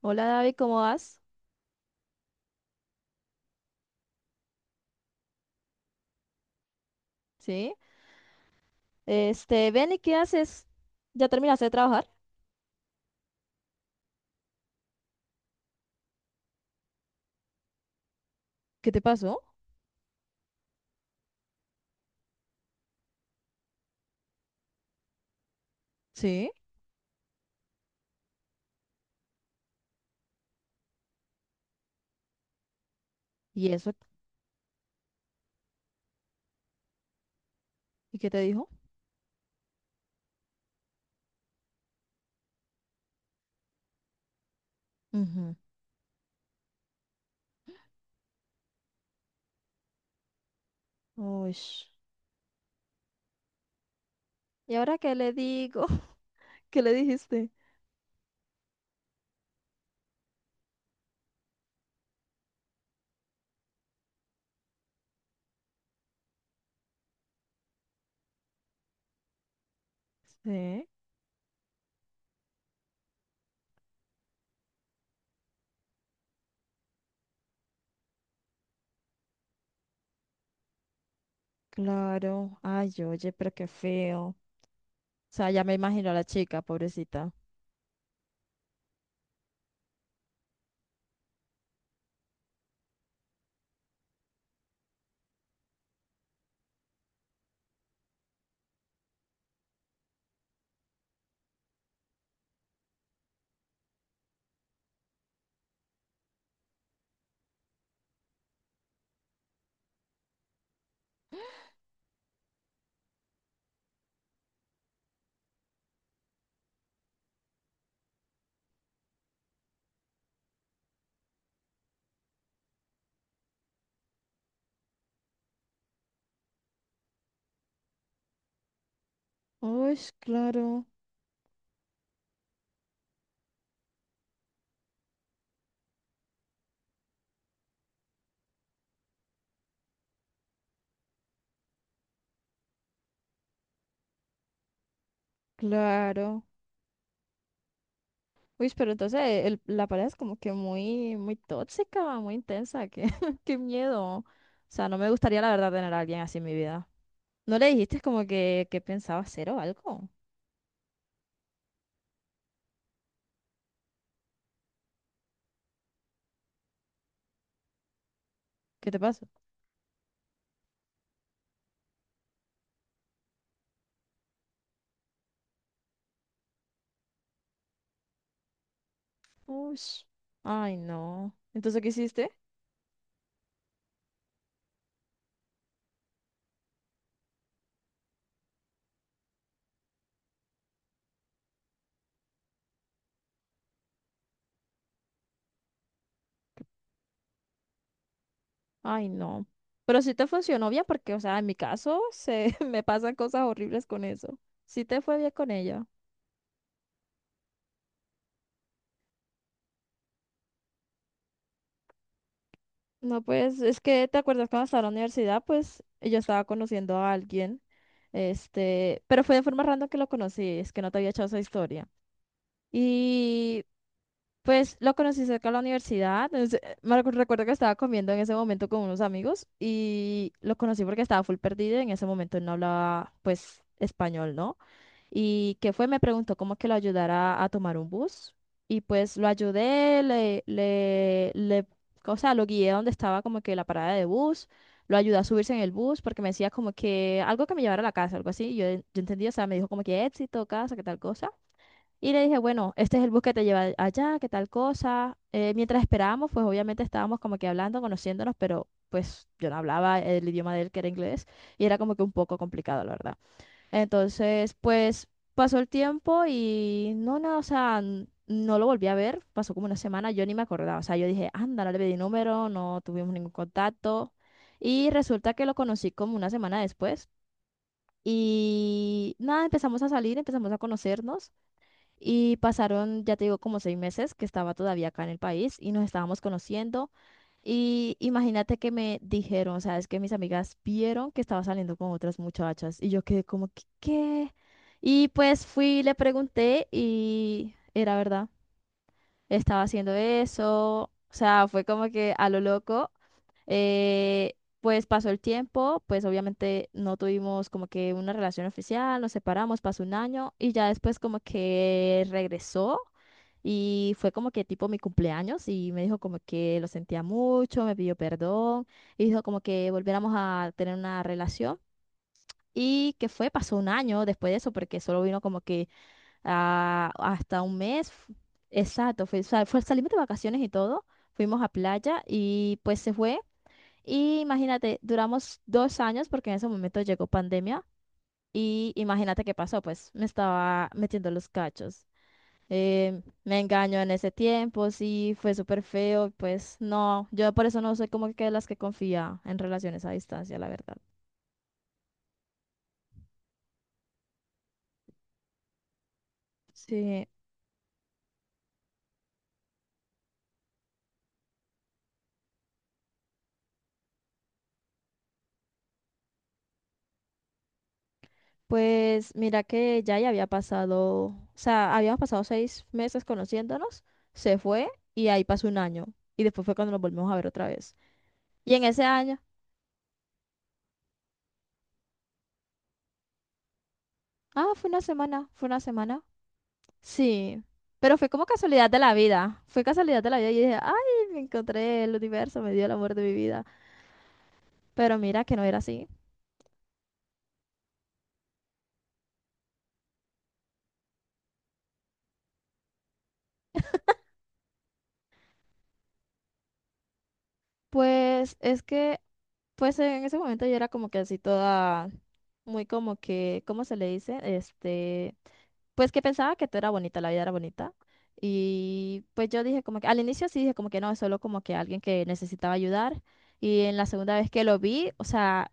Hola David, ¿cómo vas? Sí. Este, ven y qué haces. ¿Ya terminaste de trabajar? ¿Qué te pasó? Sí. ¿Y eso? ¿Y qué te dijo? Ujú. Uy. ¿Y ahora qué le digo? ¿Qué le dijiste? Sí, claro. Ay, oye, pero qué feo. O sea, ya me imagino a la chica, pobrecita. Uy, claro, claro. Uy, pero entonces la pareja es como que muy, muy tóxica, muy intensa, qué, qué miedo. O sea, no me gustaría la verdad tener a alguien así en mi vida. ¿No le dijiste como que pensaba hacer o algo? ¿Qué te pasó? Ush, ay, no. Entonces, ¿qué hiciste? Ay, no. Pero sí te funcionó bien porque, o sea, en mi caso se me pasan cosas horribles con eso. Sí te fue bien con ella. No, pues es que te acuerdas cuando estaba en la universidad, pues yo estaba conociendo a alguien, este, pero fue de forma random que lo conocí, es que no te había echado esa historia. Y pues lo conocí cerca de la universidad. Recuerdo que estaba comiendo en ese momento con unos amigos y lo conocí porque estaba full perdido. En ese momento él no hablaba, pues, español, ¿no? Y que fue, me preguntó cómo que lo ayudara a tomar un bus. Y pues lo ayudé, o sea, lo guié a donde estaba como que la parada de bus. Lo ayudé a subirse en el bus porque me decía como que algo que me llevara a la casa, algo así. Y yo entendí, o sea, me dijo como que éxito, casa, qué tal cosa. Y le dije, bueno, este es el bus que te lleva allá, qué tal cosa. Mientras esperábamos, pues obviamente estábamos como que hablando, conociéndonos, pero pues yo no hablaba el idioma de él, que era inglés, y era como que un poco complicado, la verdad. Entonces, pues pasó el tiempo y o sea, no lo volví a ver, pasó como una semana, yo ni me acordaba, o sea, yo dije, anda, no le pedí número, no tuvimos ningún contacto. Y resulta que lo conocí como una semana después. Y nada, empezamos a salir, empezamos a conocernos. Y pasaron, ya te digo, como 6 meses que estaba todavía acá en el país y nos estábamos conociendo. Y imagínate que me dijeron, o sea es que mis amigas vieron que estaba saliendo con otras muchachas y yo quedé como, que, ¿qué? Y pues fui, le pregunté y era verdad, estaba haciendo eso. O sea, fue como que a lo loco, eh, pues pasó el tiempo, pues obviamente no tuvimos como que una relación oficial, nos separamos, pasó un año y ya después como que regresó y fue como que tipo mi cumpleaños y me dijo como que lo sentía mucho, me pidió perdón y dijo como que volviéramos a tener una relación. Y que fue, pasó un año después de eso, porque solo vino como que hasta un mes. Exacto, fue, salimos de vacaciones y todo, fuimos a playa y pues se fue. Y imagínate, duramos 2 años porque en ese momento llegó pandemia y imagínate qué pasó, pues me estaba metiendo los cachos. Me engañó en ese tiempo, sí, fue súper feo, pues no, yo por eso no soy como que de las que confía en relaciones a distancia, la verdad. Sí, pues mira que ya había pasado, o sea, habíamos pasado 6 meses conociéndonos, se fue y ahí pasó un año y después fue cuando nos volvimos a ver otra vez. Y en ese año, fue una semana, fue una semana. Sí, pero fue como casualidad de la vida. Fue casualidad de la vida y dije, ay, me encontré el universo, me dio el amor de mi vida. Pero mira que no era así. Pues es que, pues en ese momento yo era como que así toda, muy como que, ¿cómo se le dice? Este, pues que pensaba que todo era bonita, la vida era bonita. Y pues yo dije como que, al inicio sí dije como que no, es solo como que alguien que necesitaba ayudar. Y en la segunda vez que lo vi, o sea,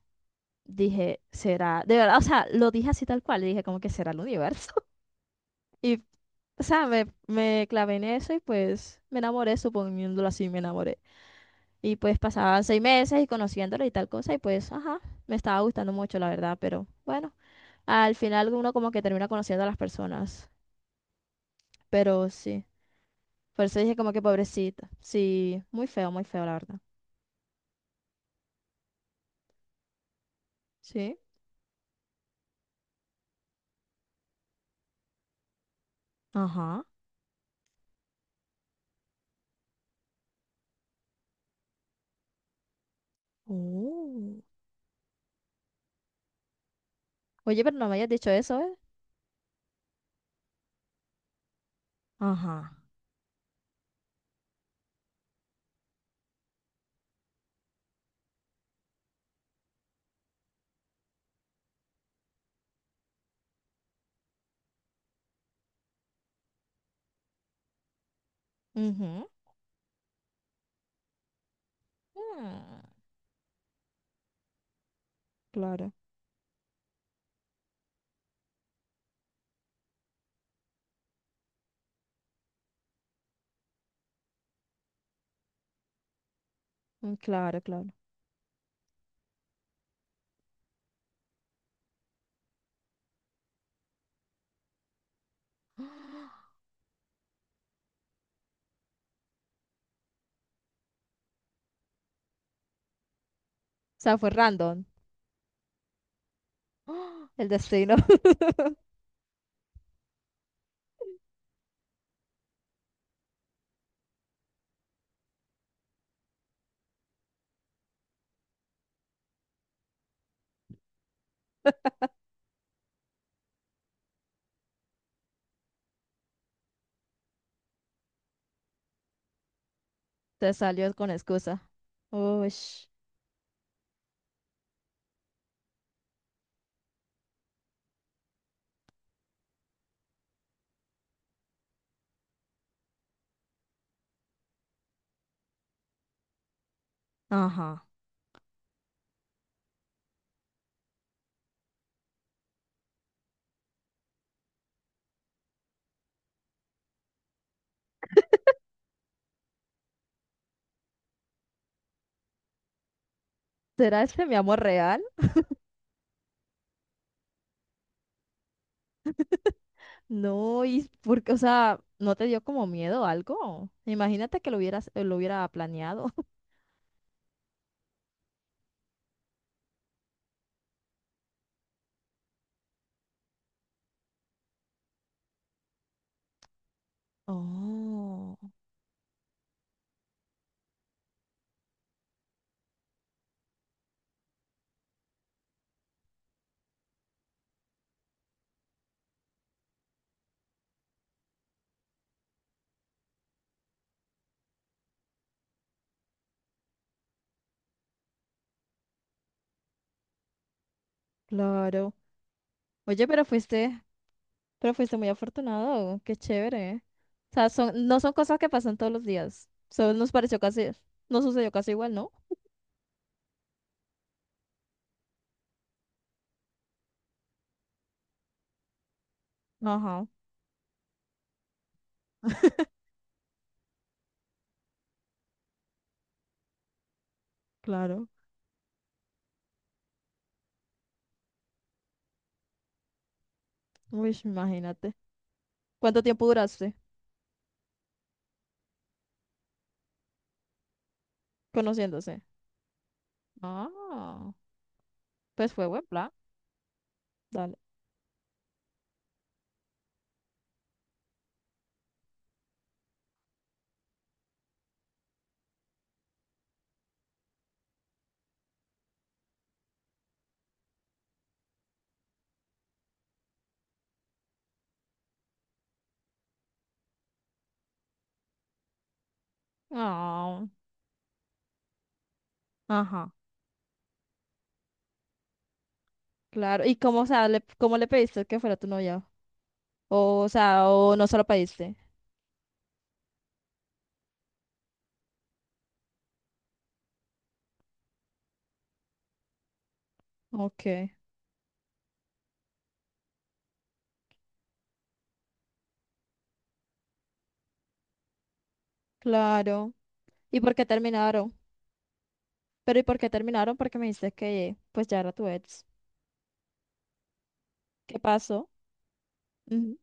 dije, será, de verdad, o sea, lo dije así tal cual, dije como que será el universo. Y, o sea, me clavé en eso y pues me enamoré, suponiéndolo así, me enamoré. Y pues pasaban 6 meses y conociéndolo y tal cosa y pues, ajá, me estaba gustando mucho, la verdad, pero bueno, al final uno como que termina conociendo a las personas, pero sí. Por eso dije como que pobrecita. Sí, muy feo, la verdad. Sí. Ajá. Oh. Oye, pero no me hayas dicho eso, ¿eh? Ajá. Ujú. Mm. Claro, mm, claro, claro. O sea, fue random. ¡Ah! El destino. Te salió con excusa. Uy, ajá. ¿Será ese mi amor real? No, y porque, o sea, ¿no te dio como miedo o algo? Imagínate que lo hubieras, lo hubiera planeado. Oh, claro. Oye, pero fuiste, muy afortunado. Qué chévere, ¿eh? O sea, son, no son cosas que pasan todos los días. Solo nos pareció casi, nos sucedió casi igual, ¿no? Ajá, claro. Uy, imagínate. ¿Cuánto tiempo duraste conociéndose? Ah, pues fue buen plan. Dale. Ah, ajá, claro. ¿Y cómo, o sea, le, cómo le pediste que fuera tu novia? O sea, o no se lo pediste. Ok, claro. ¿Y por qué terminaron? Pero ¿y por qué terminaron? Porque me dijiste que pues ya era tu ex. ¿Qué pasó? Ujú.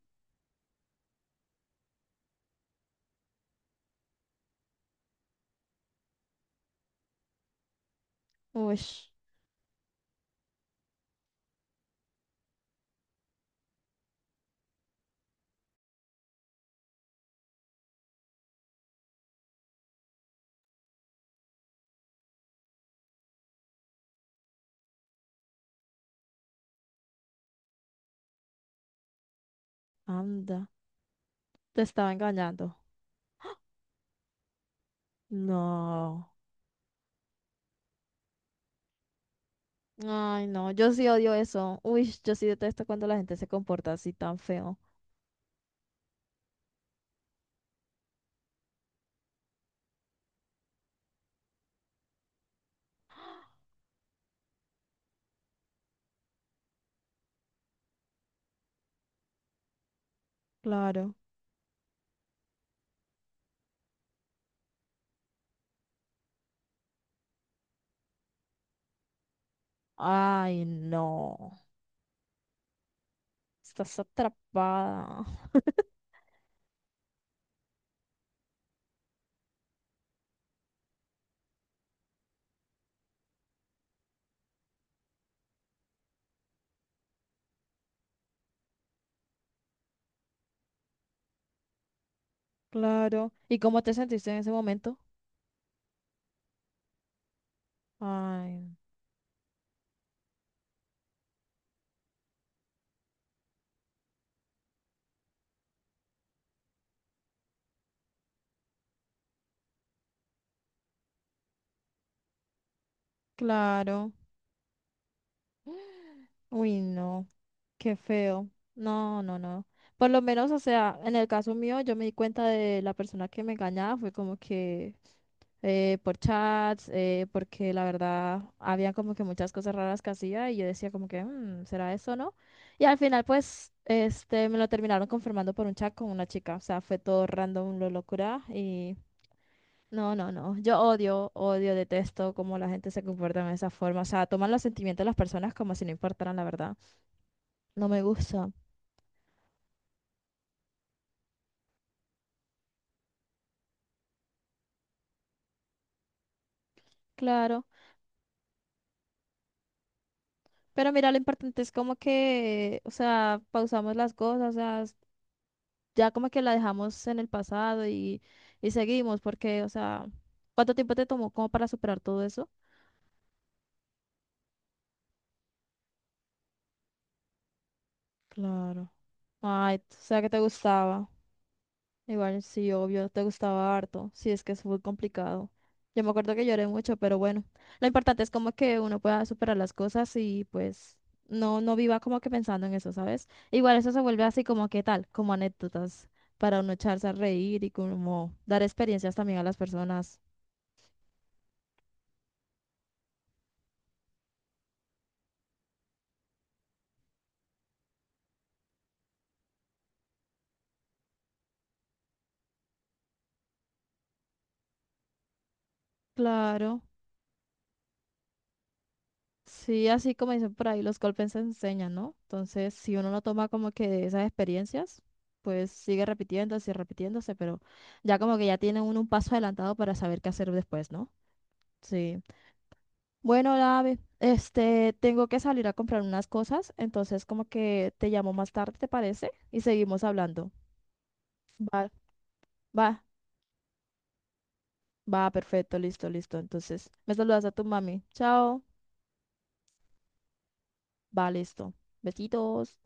Uy, anda. Te estaba engañando. No. Ay, no, yo sí odio eso. Uy, yo sí detesto cuando la gente se comporta así tan feo. Claro. Ay, no. Estás atrapada. Claro. ¿Y cómo te sentiste en ese momento? Ay. Claro. Uy, no. Qué feo. No, no, no. Por lo menos, o sea, en el caso mío, yo me di cuenta de la persona que me engañaba, fue como que por chats, porque la verdad había como que muchas cosas raras que hacía y yo decía como que, "Mm, ¿será eso o no?" Y al final pues este, me lo terminaron confirmando por un chat con una chica, o sea, fue todo random, lo locura y no, no, no, yo odio, odio, detesto cómo la gente se comporta de esa forma, o sea, toman los sentimientos de las personas como si no importaran, la verdad, no me gusta, claro. Pero mira, lo importante es como que, o sea, pausamos las cosas, o sea, ya como que la dejamos en el pasado y seguimos, porque, o sea, ¿cuánto tiempo te tomó como para superar todo eso? Claro. Ay, o sea que te gustaba. Igual sí, obvio, te gustaba harto. Sí, es que es muy complicado. Yo me acuerdo que lloré mucho, pero bueno, lo importante es como que uno pueda superar las cosas y pues no viva como que pensando en eso, ¿sabes? Igual eso se vuelve así como que tal, como anécdotas para uno echarse a reír y como dar experiencias también a las personas. Claro. Sí, así como dicen por ahí, los golpes se enseñan, ¿no? Entonces, si uno no toma como que de esas experiencias, pues sigue repitiéndose y repitiéndose, pero ya como que ya tiene uno un paso adelantado para saber qué hacer después, ¿no? Sí. Bueno, Dave, este, tengo que salir a comprar unas cosas, entonces como que te llamo más tarde, ¿te parece? Y seguimos hablando. Va, va, va, perfecto, listo, listo. Entonces, me saludas a tu mami. Chao. Va, listo. Besitos.